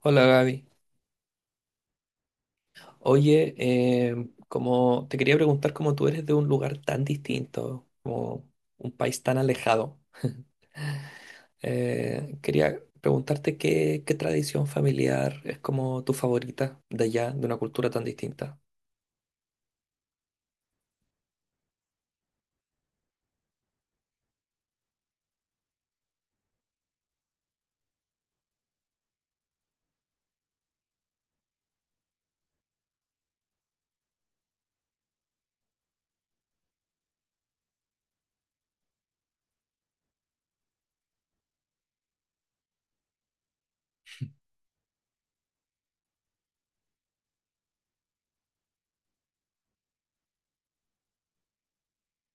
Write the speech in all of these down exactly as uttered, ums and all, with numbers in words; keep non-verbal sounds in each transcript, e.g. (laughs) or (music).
Hola Gaby. Oye, em, como te quería preguntar, como tú eres de un lugar tan distinto, como un país tan alejado, (laughs) eh, quería preguntarte qué, qué tradición familiar es como tu favorita de allá, de una cultura tan distinta.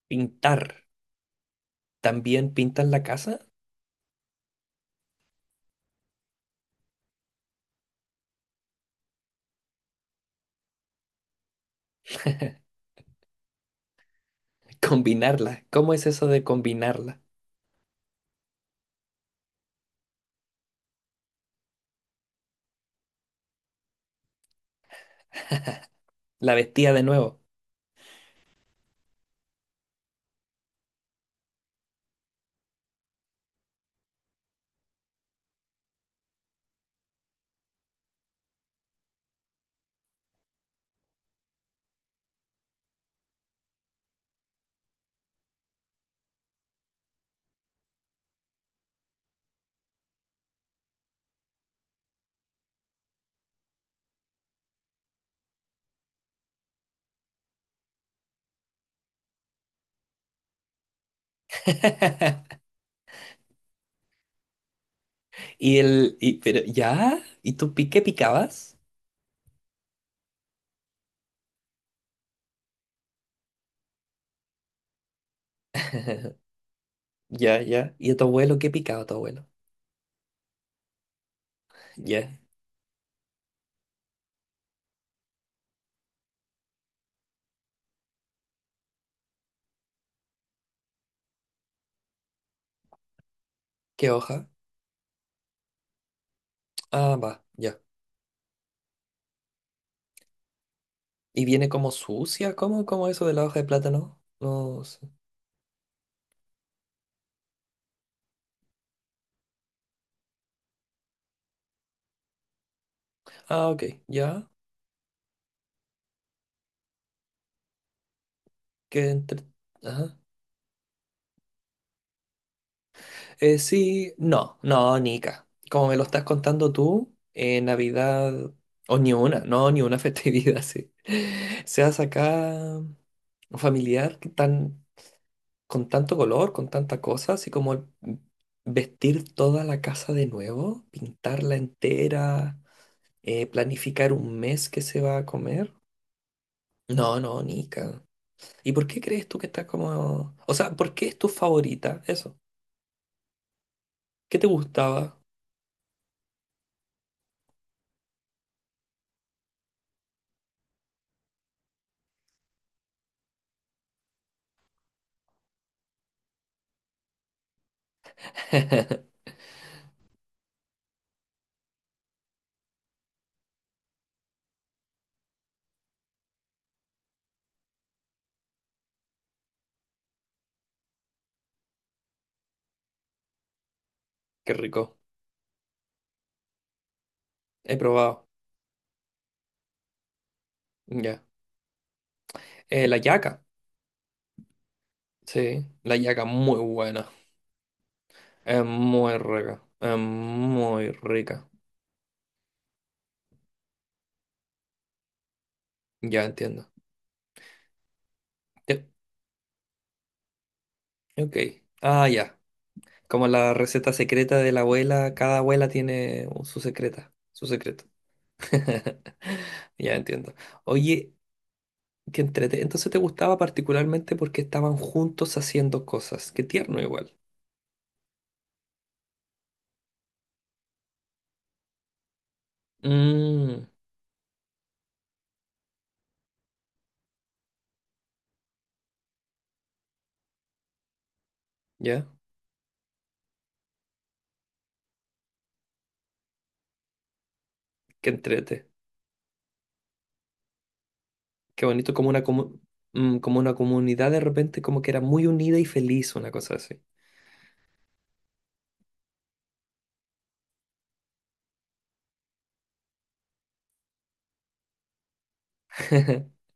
Pintar. ¿También pintan la casa? (laughs) Combinarla. ¿Cómo es eso de combinarla? La vestía de nuevo. (laughs) Y el, y, pero, ¿ya? ¿Y tú pi- qué picabas? Ya, ya. ¿Y a tu abuelo qué picaba tu abuelo? Ya. ¿Qué hoja? Ah, va, ya. ¿Y viene como sucia? ¿Cómo, ¿cómo eso de la hoja de plátano? No sé. Ah, ok, ya. Que entre... Ajá. Eh, sí, no, no, Nica. Como me lo estás contando tú, eh, Navidad, o ni una, no, ni una festividad, (laughs) sí. Seas acá familiar, que tan, con tanto color, con tanta cosa, así como el- vestir toda la casa de nuevo, pintarla entera. Eh, planificar un mes que se va a comer. No, no, Nika. ¿Y por qué crees tú que está como... O sea, ¿por qué es tu favorita? Eso. ¿Qué te gustaba? (laughs) Qué rico. He probado. Ya. Eh, la yaca. Sí, la yaca muy buena. Es muy rica. Es muy rica. Ya entiendo. Ya, ok. Ah, ya. Como la receta secreta de la abuela, cada abuela tiene su secreta. Su secreto. (laughs) Ya entiendo. Oye, qué entrete. Entonces te gustaba particularmente porque estaban juntos haciendo cosas. Qué tierno igual. Mm, ya. Qué entrete. Qué bonito como una comu- mm, como una comunidad de repente como que era muy unida y feliz, una cosa así. (laughs)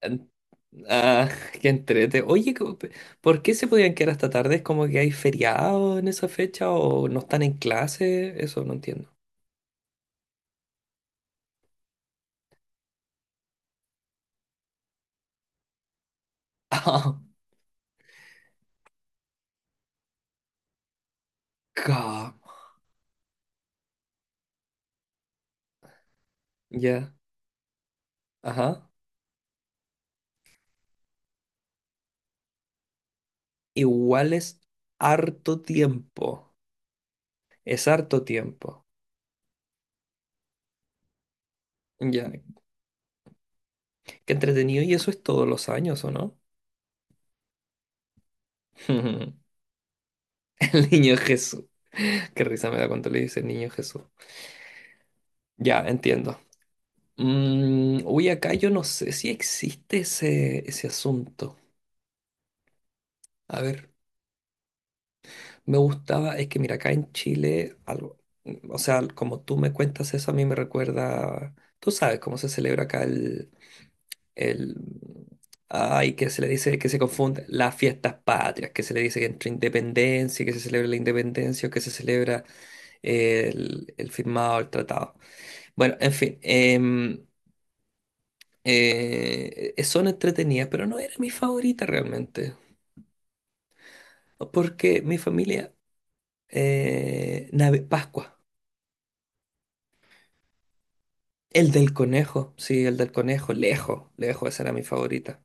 En- Ah, (laughs) qué entrete. Oye, co- pe- ¿por qué se podían quedar hasta tarde? ¿Es como que hay feriado en esa fecha o no están en clase? Eso no entiendo. (laughs) Ah, ca- ya. Ajá. Igual es harto tiempo. Es harto tiempo. Ya, qué entretenido. ¿Y eso es todos los años, o no? (laughs) El niño Jesús. Qué risa me da cuando le dice niño Jesús. Ya, entiendo. Mm, uy, acá yo no sé si existe ese, ese asunto. A ver, me gustaba, es que mira, acá en Chile, algo, o sea, como tú me cuentas eso, a mí me recuerda, tú sabes cómo se celebra acá el, el, ay, que se le dice que se confunde las fiestas patrias, que se le dice que entre independencia, que se celebra la independencia o que se celebra el, el firmado, el tratado. Bueno, en fin, em, eh, eh, son entretenidas, pero no era mi favorita realmente, porque mi familia, eh, nave- Pascua, el del conejo, sí, el del conejo, lejos, lejos, esa era mi favorita.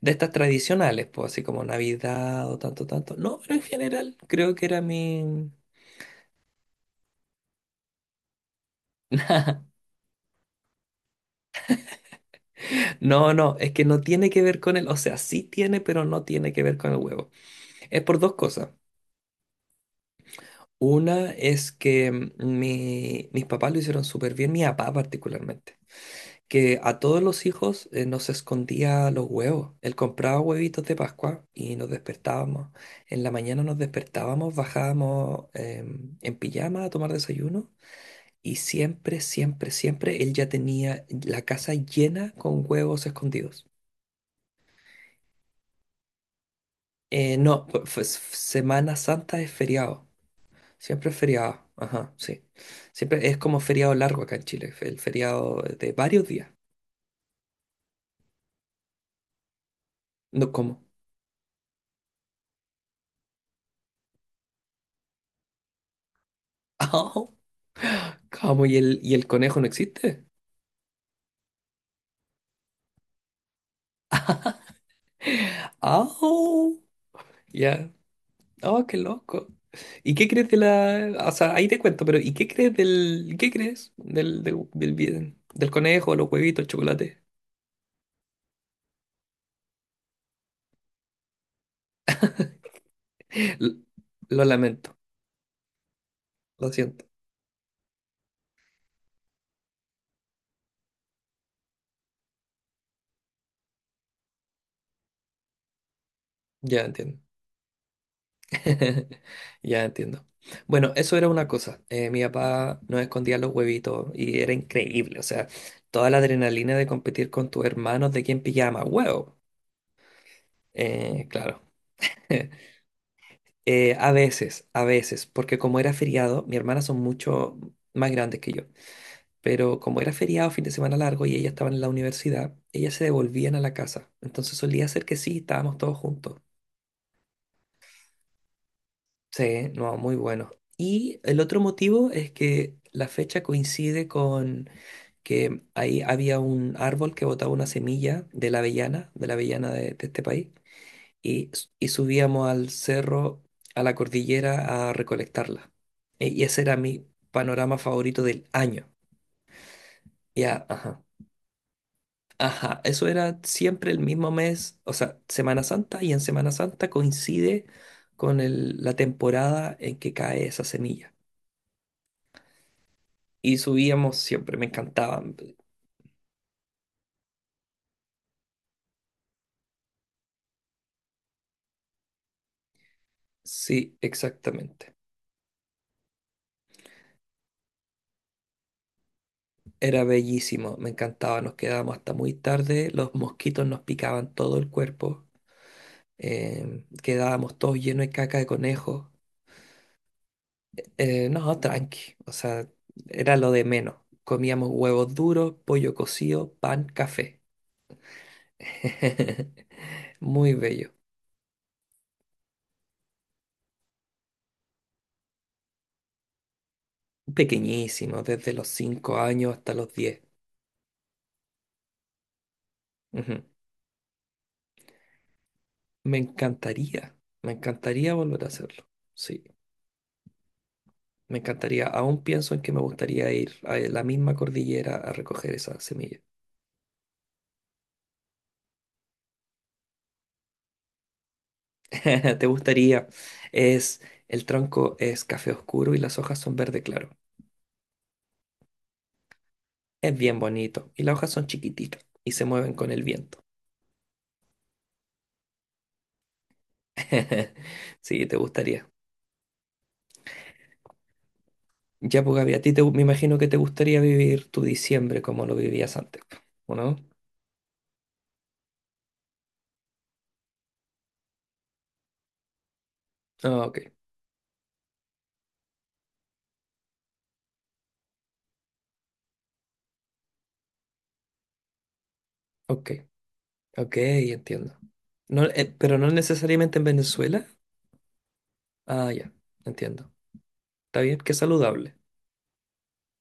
De estas tradicionales, pues así como Navidad o tanto, tanto. No, pero en general creo que era mi... (laughs) No, no, es que no tiene que ver con el... O sea, sí tiene, pero no tiene que ver con el huevo. Es por dos cosas. Una es que mm, mi- mis papás lo hicieron súper bien, mi papá particularmente. Que a todos los hijos eh, nos escondía los huevos. Él compraba huevitos de Pascua y nos despertábamos. En la mañana nos despertábamos, bajábamos em, en pijama a tomar desayuno. Y siempre, siempre, siempre él ya tenía la casa llena con huevos escondidos. Eh, no, fu- fu- Semana Santa es feriado. Siempre es feriado. Ajá, sí. Siempre es como feriado largo acá en Chile. El feriado de varios días. No, ¿cómo? (laughs) ¡Au! ¿Cómo? ¿Y el, y el conejo no existe? ¡Au! Ya. ¡Oh, qué loco! ¿Y qué crees de la...? O sea, ahí te cuento, pero ¿y qué crees del... ¿Qué crees del, del, del, bien- del conejo, los huevitos, el chocolate? L- Lo lamento, lo siento. Ya entiendo. (laughs) Ya entiendo. Bueno, eso era una cosa. Eh, mi papá nos escondía los huevitos y era increíble. O sea, toda la adrenalina de competir con tus hermanos de quién pillaba más huevo. Eh, claro. (laughs) Eh, a veces, a veces, porque como era feriado, mis hermanas son mucho más grandes que yo. Pero como era feriado, fin de semana largo y ellas estaban en la universidad, ellas se devolvían a la casa. Entonces solía ser que sí, estábamos todos juntos. Sí, no, muy bueno. Y el otro motivo es que la fecha coincide con que ahí había un árbol que botaba una semilla de la avellana, de la avellana de, de este país, y, s- y subíamos al cerro, a la cordillera, a recolectarla. E- Y ese era mi panorama favorito del año. Ya, ajá. Ajá, eso era siempre el mismo mes, o sea, Semana Santa, y en Semana Santa coincide con el- la temporada en que cae esa semilla. Y subíamos siempre, me encantaban. Sí, exactamente. Era bellísimo, me encantaba. Nos quedábamos hasta muy tarde, los mosquitos nos picaban todo el cuerpo, eh, quedábamos todos llenos de caca de conejo. Eh, no, tranqui, o sea, era lo de menos. Comíamos huevos duros, pollo cocido, pan, café. (laughs) Muy bello. Pequeñísimo, desde los cinco años hasta los diez. Ujú. Me encantaría, me encantaría volver a hacerlo. Sí. Me encantaría, aún pienso en que me gustaría ir a la misma cordillera a recoger esa semilla. (laughs) ¿Te gustaría? Es, el tronco es café oscuro y las hojas son verde claro. Es bien bonito y las hojas son chiquititas y se mueven con el viento. (laughs) Sí, te gustaría. Ya, pues Gaby, a ti te, me imagino que te gustaría vivir tu diciembre como lo vivías antes, ¿o no? Ah, ok, ok, ok, entiendo. No, eh, pero no necesariamente en Venezuela. Ah, ya, entiendo. Está bien, qué saludable.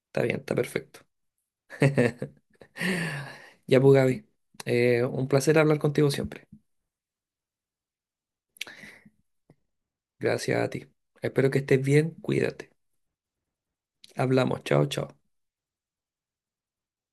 Está bien, está perfecto. (laughs) Ya pues, Gaby, eh, un placer hablar contigo siempre. Gracias a ti. Espero que estés bien, cuídate. Hablamos, chao, chao.